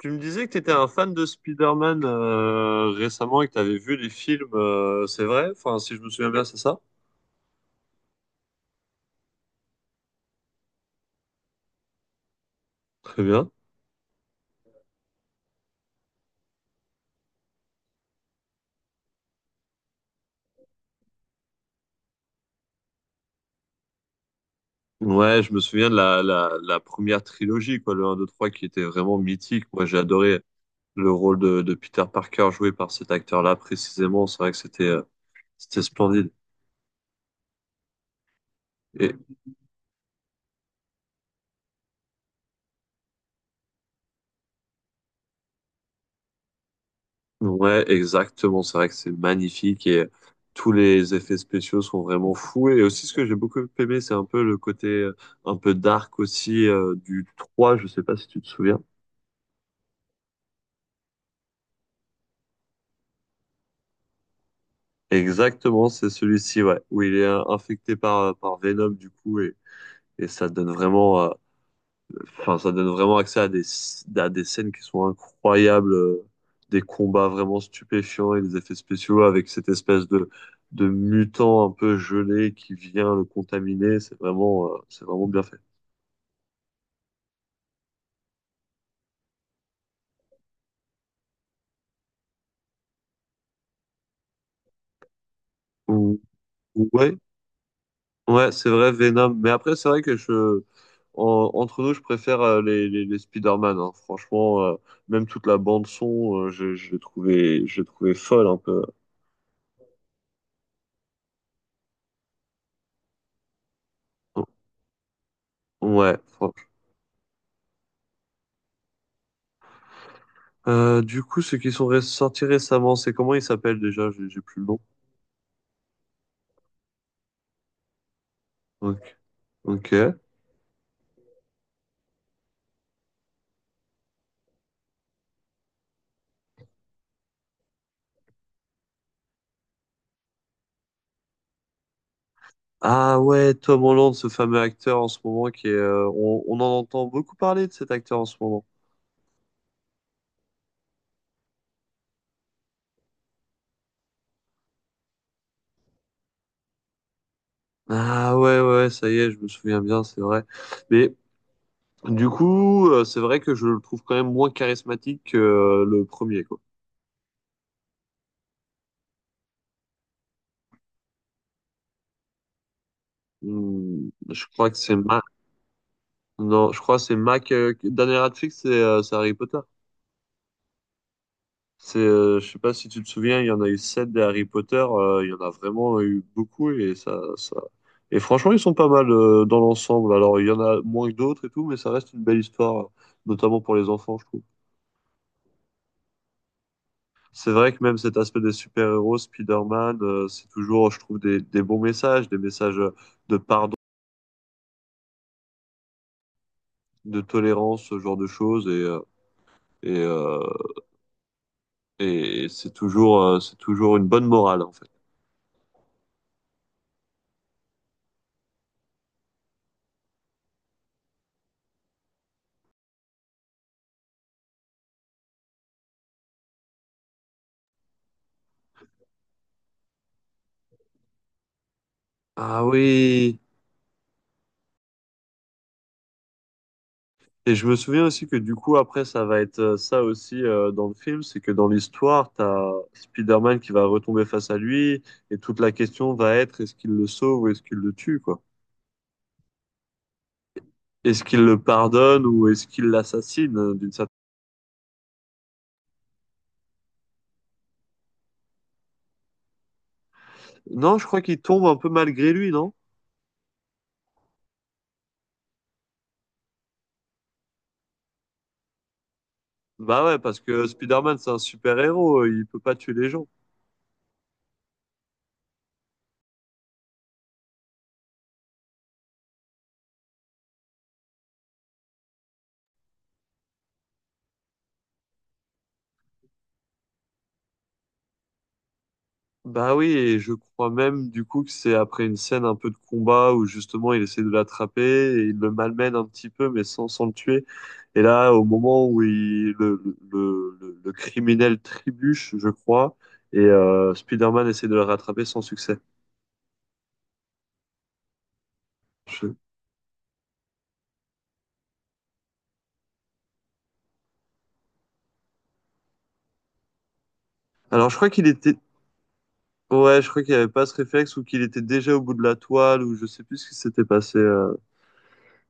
Tu me disais que tu étais un fan de Spider-Man récemment et que tu avais vu les films, c'est vrai? Enfin, si je me souviens bien, c'est ça? Très bien. Ouais, je me souviens de la première trilogie, quoi, le 1, 2, 3, qui était vraiment mythique. Moi, j'ai adoré le rôle de Peter Parker joué par cet acteur-là précisément. C'est vrai que c'était splendide. Et, ouais, exactement. C'est vrai que c'est magnifique et tous les effets spéciaux sont vraiment fous. Et aussi, ce que j'ai beaucoup aimé, c'est un peu le côté un peu dark aussi du 3. Je sais pas si tu te souviens. Exactement, c'est celui-ci, ouais, où il est infecté par par Venom du coup et ça donne vraiment... Enfin, ça donne vraiment accès à à des scènes qui sont incroyables, des combats vraiment stupéfiants et des effets spéciaux avec cette espèce de mutant un peu gelé qui vient le contaminer. C'est vraiment bien fait. Ou- Ouais, ouais, c'est vrai, Venom. Mais après, c'est vrai que je, en- entre nous, je préfère les Spider-Man, hein. Franchement, même toute la bande son, je l'ai je l'ai trouvé folle un peu. Ouais, franchement. Du coup, ceux qui sont sortis récemment, c'est comment il s'appelle déjà? J'ai plus le nom. Ok. Ok. Ah ouais, Tom Holland, ce fameux acteur en ce moment qui est. Euh, on en entend beaucoup parler de cet acteur en ce moment. Ah ouais, ouais, ouais, ça y est, je me souviens bien, c'est vrai. Mais du coup, c'est vrai que je le trouve quand même moins charismatique que le premier, quoi. Hmm, je crois que c'est Ma... Non, je crois que c'est Mac. Dernier Radcliffe, c'est Harry Potter. C'est, je sais pas si tu te souviens, il y en a eu sept des Harry Potter, il y en a vraiment eu beaucoup et ça... Et franchement, ils sont pas mal dans l'ensemble. Alors, il y en a moins que d'autres et tout, mais ça reste une belle histoire, notamment pour les enfants, je trouve. C'est vrai que même cet aspect des super-héros, Spider-Man, c'est toujours, je trouve, des bons messages, des messages de pardon, de tolérance, ce genre de choses, et, euh, et c'est c'est toujours une bonne morale, en fait. Ah oui! Et je me souviens aussi que du coup, après, ça va être ça aussi dans le film, c'est que dans l'histoire, t'as as Spider-Man qui va retomber face à lui, et toute la question va être est-ce qu'il le sauve ou est-ce qu'il le tue, quoi? Est-ce qu'il le pardonne ou est-ce qu'il l'assassine d'une certaine... Non, je crois qu'il tombe un peu malgré lui, non? Bah ouais, parce que Spider-Man, c'est un super-héros, il peut pas tuer les gens. Bah oui, et je crois même du coup que c'est après une scène un peu de combat où justement il essaie de l'attraper et il le malmène un petit peu mais sans le tuer. Et là, au moment où il, le criminel trébuche, je crois, et Spider-Man essaie de le rattraper sans succès. Je- Alors je crois qu'il était... Ouais, je crois qu'il avait pas ce réflexe ou qu'il était déjà au bout de la toile ou je sais plus ce qui s'était passé, euh.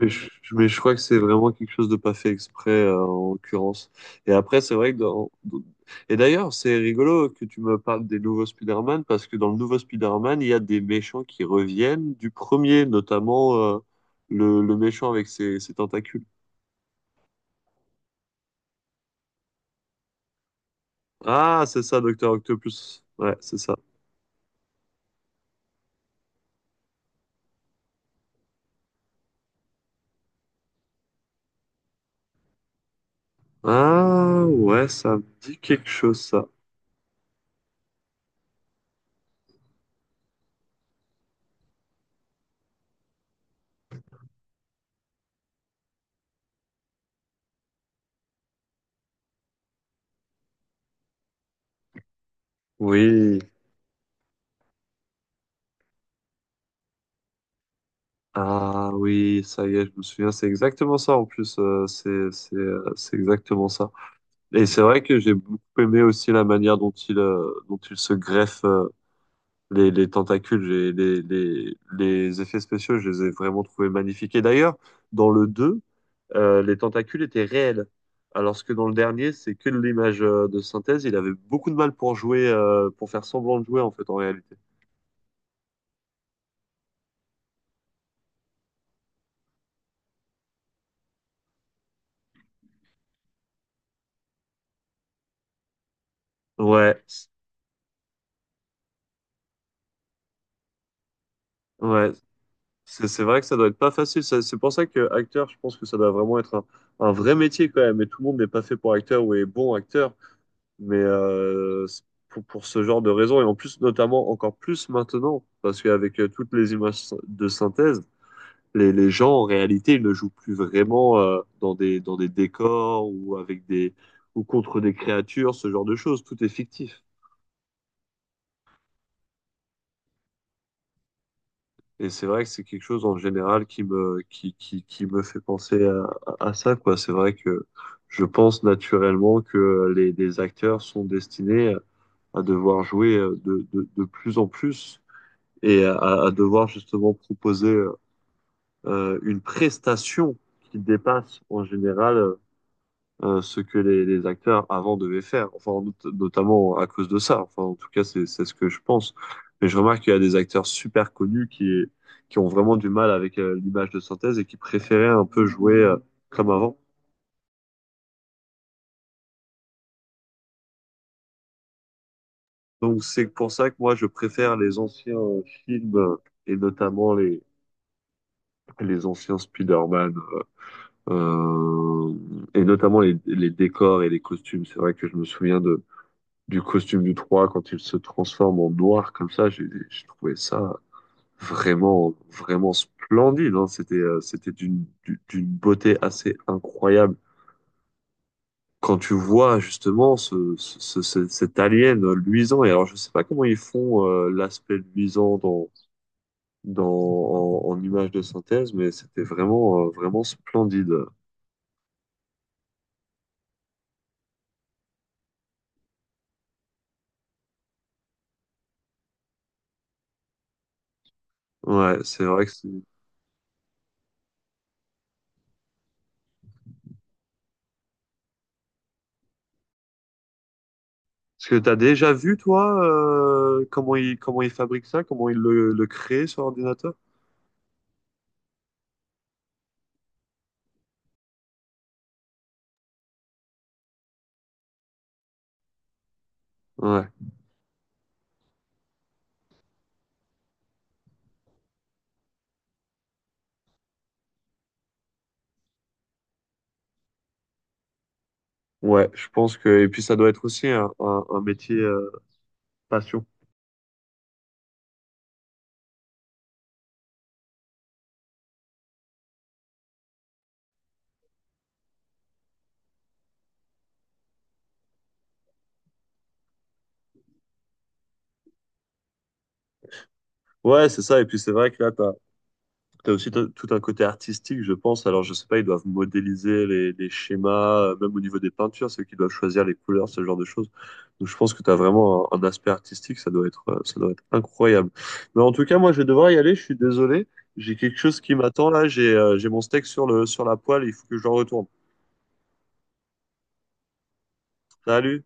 Mais je, mais je crois que c'est vraiment quelque chose de pas fait exprès, en l'occurrence. Et après, c'est vrai que et d'ailleurs, c'est rigolo que tu me parles des nouveaux Spider-Man, parce que dans le nouveau Spider-Man, il y a des méchants qui reviennent du premier, notamment le méchant avec ses tentacules. Ah, c'est ça, Docteur Octopus. Ouais, c'est ça. Ah, ouais, ça me dit quelque chose, ça. Oui. Ah oui, ça y est, je me souviens, c'est exactement ça en plus, c'est exactement ça. Et c'est vrai que j'ai beaucoup aimé aussi la manière dont il se greffe les tentacules. Les effets spéciaux, je les ai vraiment trouvés magnifiques. Et d'ailleurs, dans le 2, les tentacules étaient réels. Alors que dans le dernier, c'est que de l'image de synthèse. Il avait beaucoup de mal pour jouer, pour faire semblant de jouer en fait, en réalité. Ouais, ouais. C'est vrai que ça doit être pas facile. C'est pour ça que acteur, je pense que ça doit vraiment être un vrai métier quand même. Et tout le monde n'est pas fait pour acteur ou est bon acteur. Mais c'est pour ce genre de raison, et en plus, notamment encore plus maintenant, parce qu'avec toutes les images de synthèse, les gens, en réalité, ils ne jouent plus vraiment dans dans des décors ou, avec des, ou contre des créatures, ce genre de choses. Tout est fictif. Et c'est vrai que c'est quelque chose en général qui qui me fait penser à ça, quoi. C'est vrai que je pense naturellement que les acteurs sont destinés à devoir jouer de plus en plus et à, à devoir justement proposer une prestation qui dépasse en général ce que les acteurs avant devaient faire, enfin notamment à cause de ça. Enfin, en tout cas, c'est ce que je pense. Mais je remarque qu'il y a des acteurs super connus qui ont vraiment du mal avec l'image de synthèse et qui préféraient un peu jouer comme avant. Donc c'est pour ça que moi je préfère les anciens films et notamment les anciens Spider-Man. Euh, et notamment les décors et les costumes. C'est vrai que je me souviens du costume du 3 quand il se transforme en noir comme ça. J'ai trouvé ça vraiment, vraiment splendide, hein. C'était, c'était d'une beauté assez incroyable. Quand tu vois justement cet alien luisant, et alors je sais pas comment ils font l'aspect luisant dans, en image de synthèse, mais c'était vraiment, vraiment splendide. Ouais, c'est vrai que c'est... Parce que tu as déjà vu, toi, comment il fabrique ça, comment le crée sur ordinateur? Ouais. Ouais, je pense que... Et puis ça doit être aussi un métier passion. Ouais, c'est ça. Et puis c'est vrai que là, tu t'as aussi tout un côté artistique, je pense. Alors, je sais pas, ils doivent modéliser les schémas, même au niveau des peintures, ceux qui doivent choisir les couleurs, ce genre de choses. Donc, je pense que tu as vraiment un aspect artistique, ça doit être incroyable. Mais en tout cas, moi, je vais devoir y aller, je suis désolé. J'ai quelque chose qui m'attend là, j'ai mon steak sur sur la poêle, il faut que je le retourne. Salut!